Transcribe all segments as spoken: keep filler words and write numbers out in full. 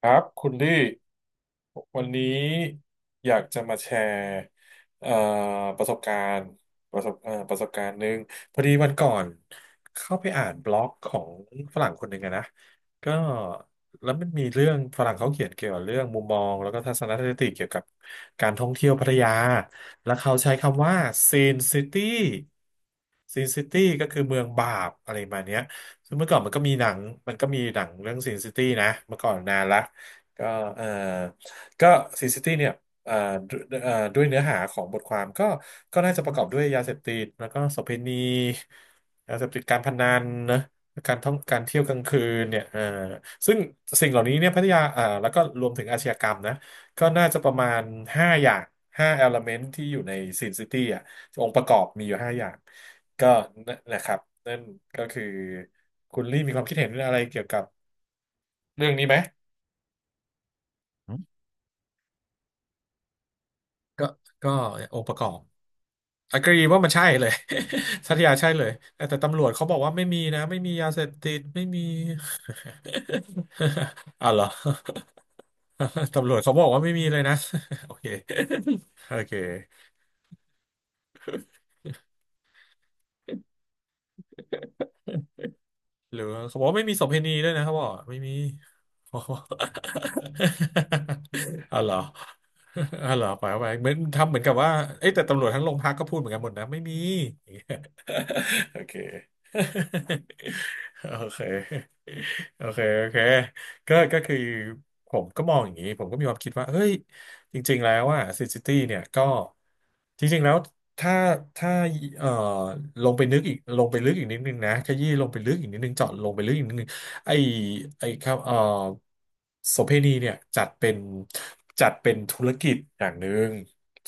ครับคุณลี่วันนี้อยากจะมาแชร์เอ่อประสบการณ์ประสบเอ่อประสบการณ์หนึ่งพอดีวันก่อนเข้าไปอ่านบล็อกของฝรั่งคนหนึ่งอะนะก็แล้วมันมีเรื่องฝรั่งเขาเขียนเกี่ยวกับเรื่องมุมมองแล้วก็ทัศนคติเกี่ยวกับการท่องเที่ยวพัทยาแล้วเขาใช้คำว่าซีนซิตี้ซีนซิตี้ก็คือเมืองบาปอะไรประมาณเนี้ยซึ่งเมื่อก่อนมันก็มีหนังมันก็มีหนังเรื่องซินซิตี้นะเมื่อก่อนนานละ ก็เอ่อก็ซีซิตี้เนี่ยเอ่อด้วยเอ่อด้วยเนื้อหาของบทความก็ก็น่าจะประกอบด้วยยาเสพติดแล้วก็โสเภณียาเสพติดการพนันนะการท่องการเที่ยวกลางคืนเนี่ยเอ่อซึ่งสิ่งเหล่านี้เนี่ยพัทยาเอ่อแล้วก็รวมถึงอาชญากรรมนะก็น่าจะประมาณห้าอย่างห้าเอลเมนตที่อยู่ในซีซิตี้อ่ะองค์ประกอบมีอยู่ห้าอย่างก็นั่นแหละครับนั่นก็คือคุณลี่มีความคิดเห็นอะไรเกี่ยวกับเรื่องนี้ไหม ก็ก็องค์ประกอบ agree ว่ามันใช่เลย สัตยาใช่เลยแต่แต่ตำรวจเขาบอกว่าไม่มีนะ ไม่มียาเสพติด ไม่มี อ้าวเหรอ ตำรวจเขาบอกว่าไม่มีเลยนะ โอเคโอเค หรือเขาบอกว่าไม่มีโสเภณีด้วยนะครับบอกไม่มี อ๋อ อ๋อเหรอ อ๋อเหรอไปไปเหมือนทำเหมือนกับว่าเอ้ยแต่ตำรวจทั้งโรงพักก็พูดเหมือนกันหมดนะไม่มี โอเค โอเคโอเคโอเคก็ก็คือผมก็มองอย่างนี้ผมก็มีความคิดว่าเฮ้ย จริงๆแล้วอ่ะซิซิตี้เนี่ยก็จริงๆแล้วถ้าถ้าเอ่อลงไปนึกอีกลงไปลึกอีกนิดนึงนะขยี้ลงไปลึกอีกนิดนึงเจาะลงไปลึกอีกนิดนึงไอ้ไอ้ครับเอ่อโสเภณีเนี่ยจัดเป็นจัดเป็นธุรกิจอย่างหนึ่ง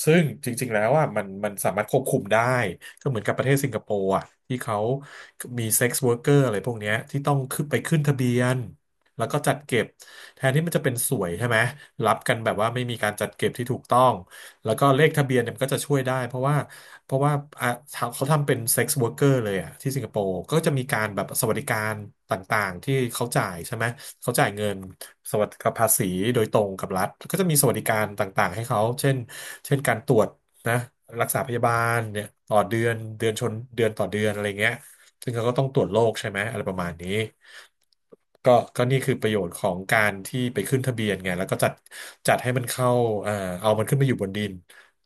ซึ่งจริงๆแล้วอ่ะมันมันสามารถควบคุมได้ก็เหมือนกับประเทศสิงคโปร์อ่ะที่เขามีเซ็กซ์ r ว k e r เกอร์อะไรพวกเนี้ยที่ต้องขึ้นไปขึ้นทะเบียน แล้วก็จัดเก็บแทนที่มันจะเป็นสวยใช่ไหมรับกันแบบว่าไม่มีการจัดเก็บที่ถูกต้องแล้วก็เลขทะเบียนเนี่ยมันก็จะช่วยได้เพราะว่าเพราะว่าอ่ะเขาทำเป็นเซ็กซ์ o r k e เกอร์เลยอ่ะที่สิงคโปร์ก็จะมีการแบบสวัสดิการต่างๆที่เขาจ่ายใช่ไหมเขาจ่ายเงินสวัสดิกับภาษีโดยตรงกับรัฐก็จะมีสวัสดิการต่างๆให้เขาเช่นเช่นการตรวจนะรักษาพยาบาลเนี่ยต่อเดือนเดือนชนเดือนต่อเดือนอะไรเงี้ย ซึ่งเขาก็ต้องตรวจโรคใช่ไหมอะไรประมาณนี้ก็ก็นี่คือประโยชน์ของการที่ไปขึ้นทะเบียนไงแล้วก็จัดจัดให้มันเข้าเอ่อเอามันขึ้นมาอยู่บนดิน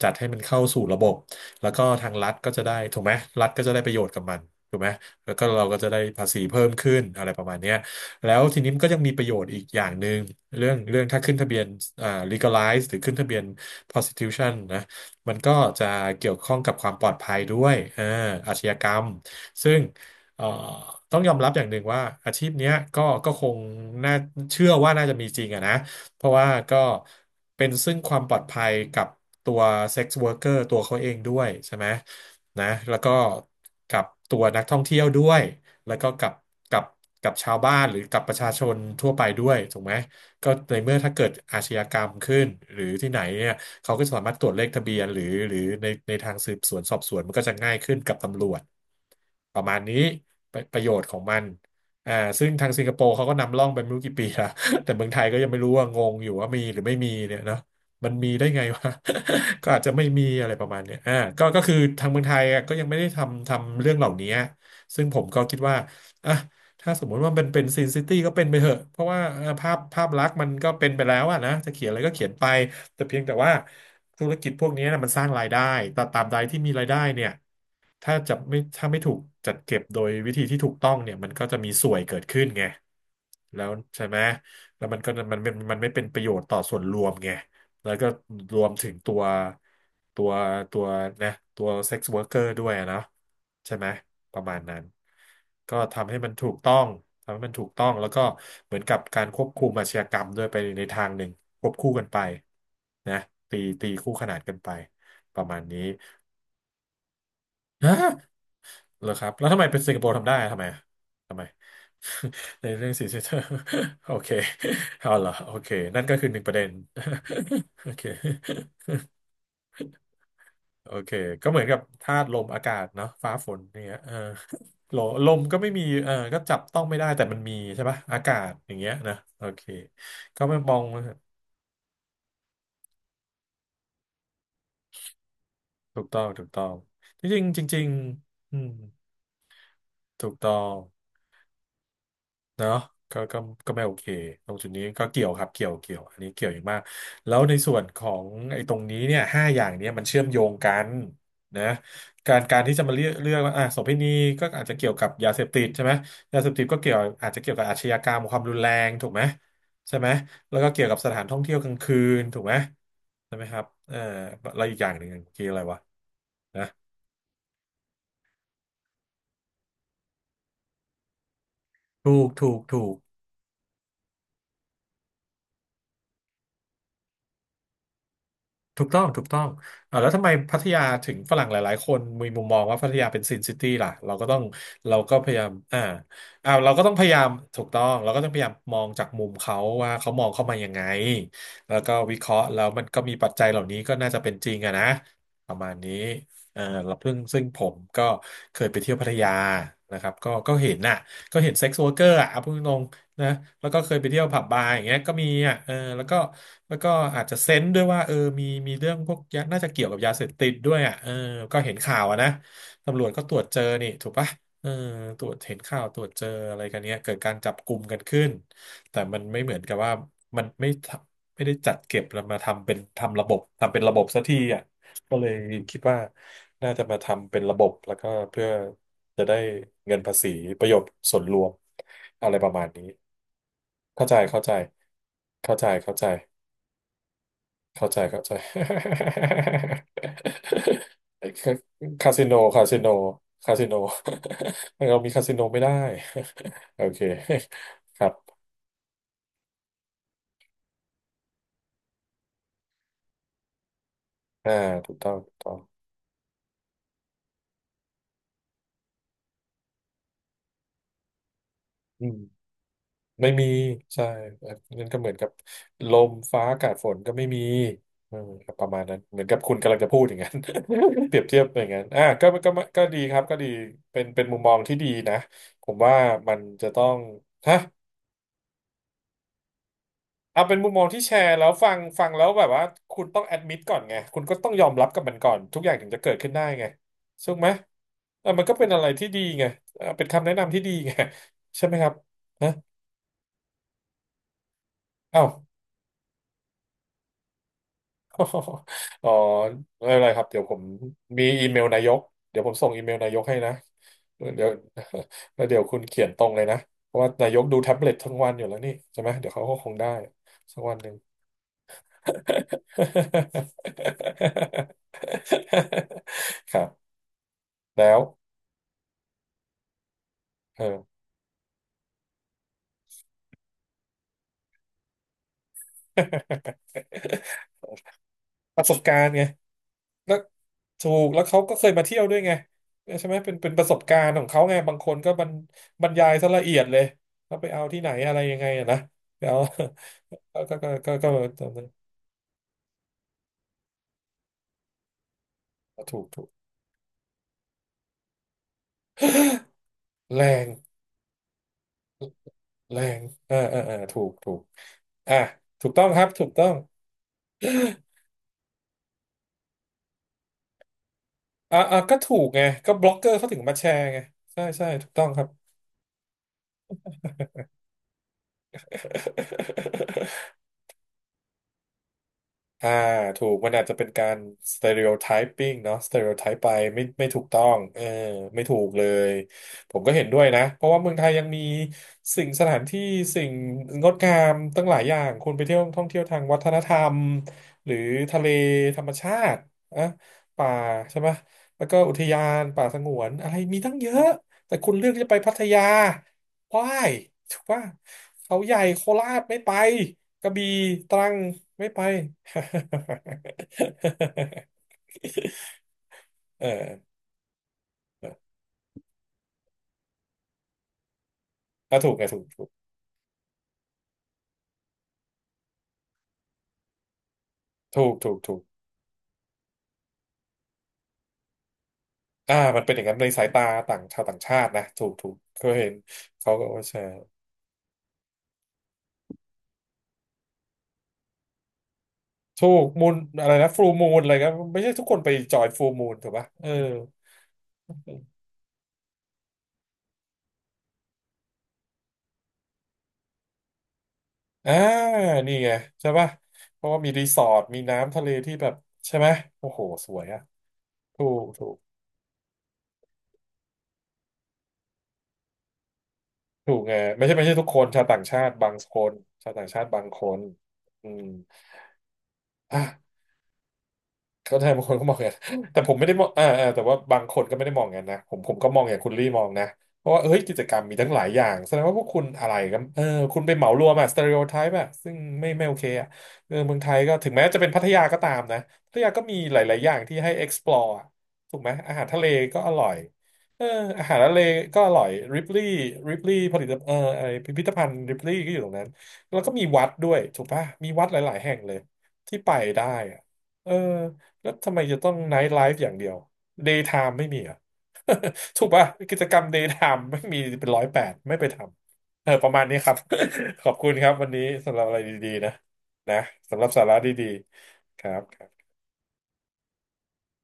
จัดให้มันเข้าสู่ระบบแล้วก็ทางรัฐก็จะได้ถูกไหมรัฐก็จะได้ประโยชน์กับมันถูกไหมแล้วก็เราก็จะได้ภาษีเพิ่มขึ้นอะไรประมาณเนี้ยแล้วทีนี้มันก็ยังมีประโยชน์อีกอย่างหนึ่งเรื่องเรื่องถ้าขึ้นทะเบียนอ่า legalize หรือขึ้นทะเบียน prostitution นะมันก็จะเกี่ยวข้องกับความปลอดภัยด้วยอ่าอาชญากรรมซึ่ง เอ่อต้องยอมรับอย่างหนึ่งว่าอาชีพเนี้ยก็ก็คงน่าเชื่อว่าน่าจะมีจริงอะนะเพราะว่าก็เป็นซึ่งความปลอดภัยกับตัวเซ็กซ์ r ว r ร์ตัวเขาเองด้วยใช่ไหมนะแล้วก็กับตัวนักท่องเที่ยวด้วยแล้วก็กับกับกับชาวบ้านหรือกับประชาชนทั่วไปด้วยถูกไหมก็ในเมื่อถ้าเกิดอาชญากรรมขึ้นหรือที่ไหนเนี่ย เขาก็สามารถตรวจเลขทะเบียนหรือหรือในในทางสืบสวนสอบสวนมันก็จะง่ายขึ้นกับตำรวจประมาณนี้ประประโยชน์ของมันอ่าซึ่งทางสิงคโปร์เขาก็นำร่องไปไม่รู้กี่ปีละ แต่เมืองไทยก็ยังไม่รู้ว่างงอยู่ว่ามีหรือไม่มีเนี่ยเนาะมันมีได้ไงวะ ก็อาจจะไม่มีอะไรประมาณเนี้ยอ่าก็ก็คือทางเมืองไทยอะก็ยังไม่ได้ทำทำเรื่องเหล่านี้ซึ่งผมก็คิดว่าอ่ะถ้าสมมุติว่ามันเป็นซินซิตี้ก็เป็นไปเถอะเพราะว่าเอ่อภาพภาพลักษณ์มันก็เป็นไปแล้วอะนะจะเขียนอะไรก็เขียนไป แต่เพียงแต่ว่าธุรกิจพวกนี้นะมันสร้างรายได้แต่ตามใดที่มีรายได้เนี่ยถ้าจะไม่ถ้าไม่ถูกจัดเก็บโดยวิธีที่ถูกต้องเนี่ยมันก็จะมีส่วยเกิดขึ้นไงแล้วใช่ไหมแล้วมันก็มันมันมันไม่เป็นประโยชน์ต่อส่วนรวมไง แล้วก็รวมถึงตัวตัวตัวนะตัวเซ็กซ์ r วิรเกอร์ด้วยนะใช่ไหมประมาณนั้นก็ทำให้มันถูกต้องทำให้มันถูกต้องแล้วก็เหมือนกับการควบคุมอาชญากรรมด้วยไปในทางหนึ่งควบคู่กันไปนะตีตีคู่ขนานกันไปประมาณนี้ฮะเหรอครับแล้วทำไมเป็นสิงคโปร์ทำได้อะทำไมอะทำไม ในเรื่องสีเซนเตอร์ โอเคเอาเหรอโอเคนั่นก็คือหนึ่งประเด็น โอเค โอเค ก็เหมือนกับธาตุลมอากาศเนาะฟ้าฝนอย่างเงี้ยเออ โลลมก็ไม่มีเออก็จับต้องไม่ได้แต่มันมีใช่ปะอากาศอย่างเงี้ยนะ โอเค ก็ไม่มองว่าถูกต้องถูกต้องจริงๆจริงๆอืมถูกต้อง เนาะก็ก็ก็ไม่โอเคตรงจุดนี้ก็เกี่ยวครับเกี่ยวเกี่ยวอันนี้เกี่ยวอย่างมากแล้วในส่วนของไอ้ตรงนี้เนี่ยห้าอย่างเนี่ยมันเชื่อมโยงกันนะการการที่จะมาเลือกเลือกว่าอ่ะโสเภณีก็อาจจะเกี่ยวกับยาเสพติดใช่ไหมยาเสพติดก็เกี่ยวอาจจะเกี่ยวกับอาชญากรรมความรุนแรงถูกไหมใช่ไหมแล้วก็เกี่ยวกับสถานท่องเที่ยวกลางคืนถูกไหมใช่ไหมครับเออแล้วอีกอย่างหนึ่งเมื่อกี้อะไรวะนะถูกถูกถูก ถูกต้องถูกต้องอ่าแล้วทำไมพัทยาถึงฝรั่งหลายๆคนมีมุมมองว่าพัทยาเป็นซินซิตี้ล่ะเราก็ต้องเราก็พยายามอ่าอ่าเราก็ต้องพยายามถูกต้อง เราก็ต้องพยายามมองจากมุมเขาว่าเขามองเข้ามายังไงแล้วก็วิเคราะห์แล้วมันก็มีปัจจัยเหล่านี้ก็น่าจะเป็นจริงอะนะประมาณนี้เออเราเพิ่งซึ่งผมก็เคยไปเที่ยวพัทยานะครับก็ก็เห็นน่ะก็เห็นเซ็กซ์ r ว e r เกอร์อะเอาพูดตรง นะแล้วก็เคยไปเที่ยวผับบาร์อย่างเงี้ยก็มีอ่ะเออแล้วก็แล้วก็อาจจะเซนส์ด้วยว่าเออมีมีเรื่องพวกยาน่าจะเกี่ยวกับยาเสพติดด้วยอ่ะเออก็เห็นข่าวอะนะตำรวจก็ตรวจเจอนี่ถูกปะเออตรวจเห็นข่าวตรวจเจออะไรกันเนี้ยเกิดการจับกลุ่มกันขึ้นแต่มันไม่เหมือนกับว่ามันไม่ทำไม่ได้จัดเก็บแล้วมาทำเป็นทำระบบทำเป็นระบบสักทีอ่ะก็เลยคิดว่าน่าจะมาทำเป็นระบบแล้วก็เพื่อ จะได้เงินภาษีประโยชน์ส่วนรวมอะไรประมาณนี้เข้าใจเข้าใจเข้าใจเข้าใจเข้าใจเข้าใจ คาสิโนคาสิโนคาสิโน เรามีคาสิโนไม่ได้ โอเคครับอ่าถูกต้องถูกต้องอืม ไม่มีใช่นั่นก็เหมือนกับลมฟ้าอากาศฝนก็ไม่มีเออครับประมาณนั้นเหมือนกับคุณกำลังจะพูดอย่างนั้น เปรียบเทียบอย่างนั้นอ่ะก็ก็ก็ดีครับก็ดีเป็นเป็นมุมมองที่ดีนะผมว่ามันจะต้องฮะเอาเป็นมุมมองที่แชร์แล้วฟังฟังแล้วแบบว่าคุณต้องแอดมิดก่อนไงคุณก็ต้องยอมรับกับมันก่อนทุกอย่างถึงจะเกิดขึ้นได้ไงถูกไหมเออมันก็เป็นอะไรที่ดีไงเออเป็นคำแนะนำที่ดีไงใช่ไหมครับฮะเอ้า อ๋อไม่เป็นไรครับเดี๋ยวผมมีอีเมลนายกเดี๋ยวผมส่งอีเมลนายกให้นะเดี๋ยว แล้วเดี๋ยวคุณเขียนตรงเลยนะเพราะว่านายกดูแท็บเล็ตทั้งวันอยู่แล้วนี่ใช่ไหมเดี๋ยวเขาก็คงได้สักวันหนึ่ง ครับแล้วเออ ประสบการณ์ไง แล้วถูกแล้วเขาก็เคยมาเที่ยวด้วยไงใช่ไหมเป็นเป็นประสบการณ์ของเขาไงบางคนก็บรรบรรยายซะละเอียดเลยเขาไปเอาที่ไหนอะไรยังไงอะนะเดี๋ยว ก็ก็ก็ก็ก็ตรงนั้นถูกถูก แรงแรงเออเออเออถูกถูกอ่ะถูกต้องครับถูกต้องอ่ะอ่ะก็ถูกไงก็บล็อกเกอร์เขาถึงมาแชร์ไงใช่ใช่ถูกต้องครับ อ่าถูกมันอาจจะเป็นการ s t e r e o t y p i n g เนาะ เอส ที อี อาร์ อี โอ ที วาย พี ไอ เอ็น จี ไปไม่ไม่ถูกต้องเออไม่ถูกเลยผมก็เห็นด้วยนะเพราะว่าเมืองไทยยังมีสิ่งสถานที่สิ่งงดงามตั้งหลายอย่างคุณไปเที่ยวท่องเที่ยวทางวัฒนธรรมหรือทะเลธรรมชาติอ่ะป่าใช่ไหมแล้วก็อุทยานป่าสงวนอะไรมีตั้งเยอะแต่คุณเลือกจะไปพัทยา why ถูกป่ะเขาใหญ่โคราชไม่ไป กระบี่ตรังไม่ไป เออเอออ่ะถูกไงถูกถูกถูกถูกถูกอ่ามันเป็นอย่างนั้นในสายตาต่างชาวต่างชาตินะถูกถูกเคยเห็นเขาก็ว่าแชร์ถูกมูลอะไรนะฟูมูลอะไรก็ไม่ใช่ทุกคนไปจอยฟูมูลถูกปะเอออ่านี่ไงใช่ป่ะเพราะว่ามีรีสอร์ทมีน้ำทะเลที่แบบใช่ไหมโอ้โหสวยอะถูกถูกถูกไงไม่ใช่ไม่ใช่ทุกคนชาวต่างชาติบางคนชาวต่างชาติบางคนอืม อ่ะ เข้าใจบางคนก็มองอย่างนั้น แต่ผมไม่ได้มองอ่าอ่าแต่ว่าบางคนก็ไม่ได้มองอย่างนั้นนะผมผมก็มองอย่างคุณลี่มองนะเพราะว่าเฮ้ยกิจกรรมมีทั้งหลายอย่างแสดงว่าพวกคุณอะไรกันเออคุณไปเหมารวมอะสเตอริโอไทป์อะซึ่งไม่ไม่โอเคอะเออเมืองไทยก็ถึงแม้จะเป็นพัทยาก็ตามนะพัทยาก็มีหลายๆอย่างที่ให้ เอ็กซ์พลอร์ อะถูกไหมอาหารทะเลก็อร่อยเอออาหารทะเลก็อร่อยริปลี่ริปลี่ผลิตเออไอพิพิธภัณฑ์ริปลี่ก็อยู่ตรงนั้นแล้วก็มีวัดด้วยถูกปะมีวัดหลายๆแห่งเลยที่ไปได้อะเออ แล้วทำไมจะต้องไนท์ไลฟ์อย่างเดียวเดย์ไทม์ไม่มีเหรอ่ะ ถูกป่ะ กิจกรรมเดย์ไทม์ไม่มีเป็นร้อยแปดไม่ไปทำเออประมาณนี้ครับ ขอบคุณครับวันนี้สำหรับอะไรดีๆนะนะสำหรับสาระดีๆครับ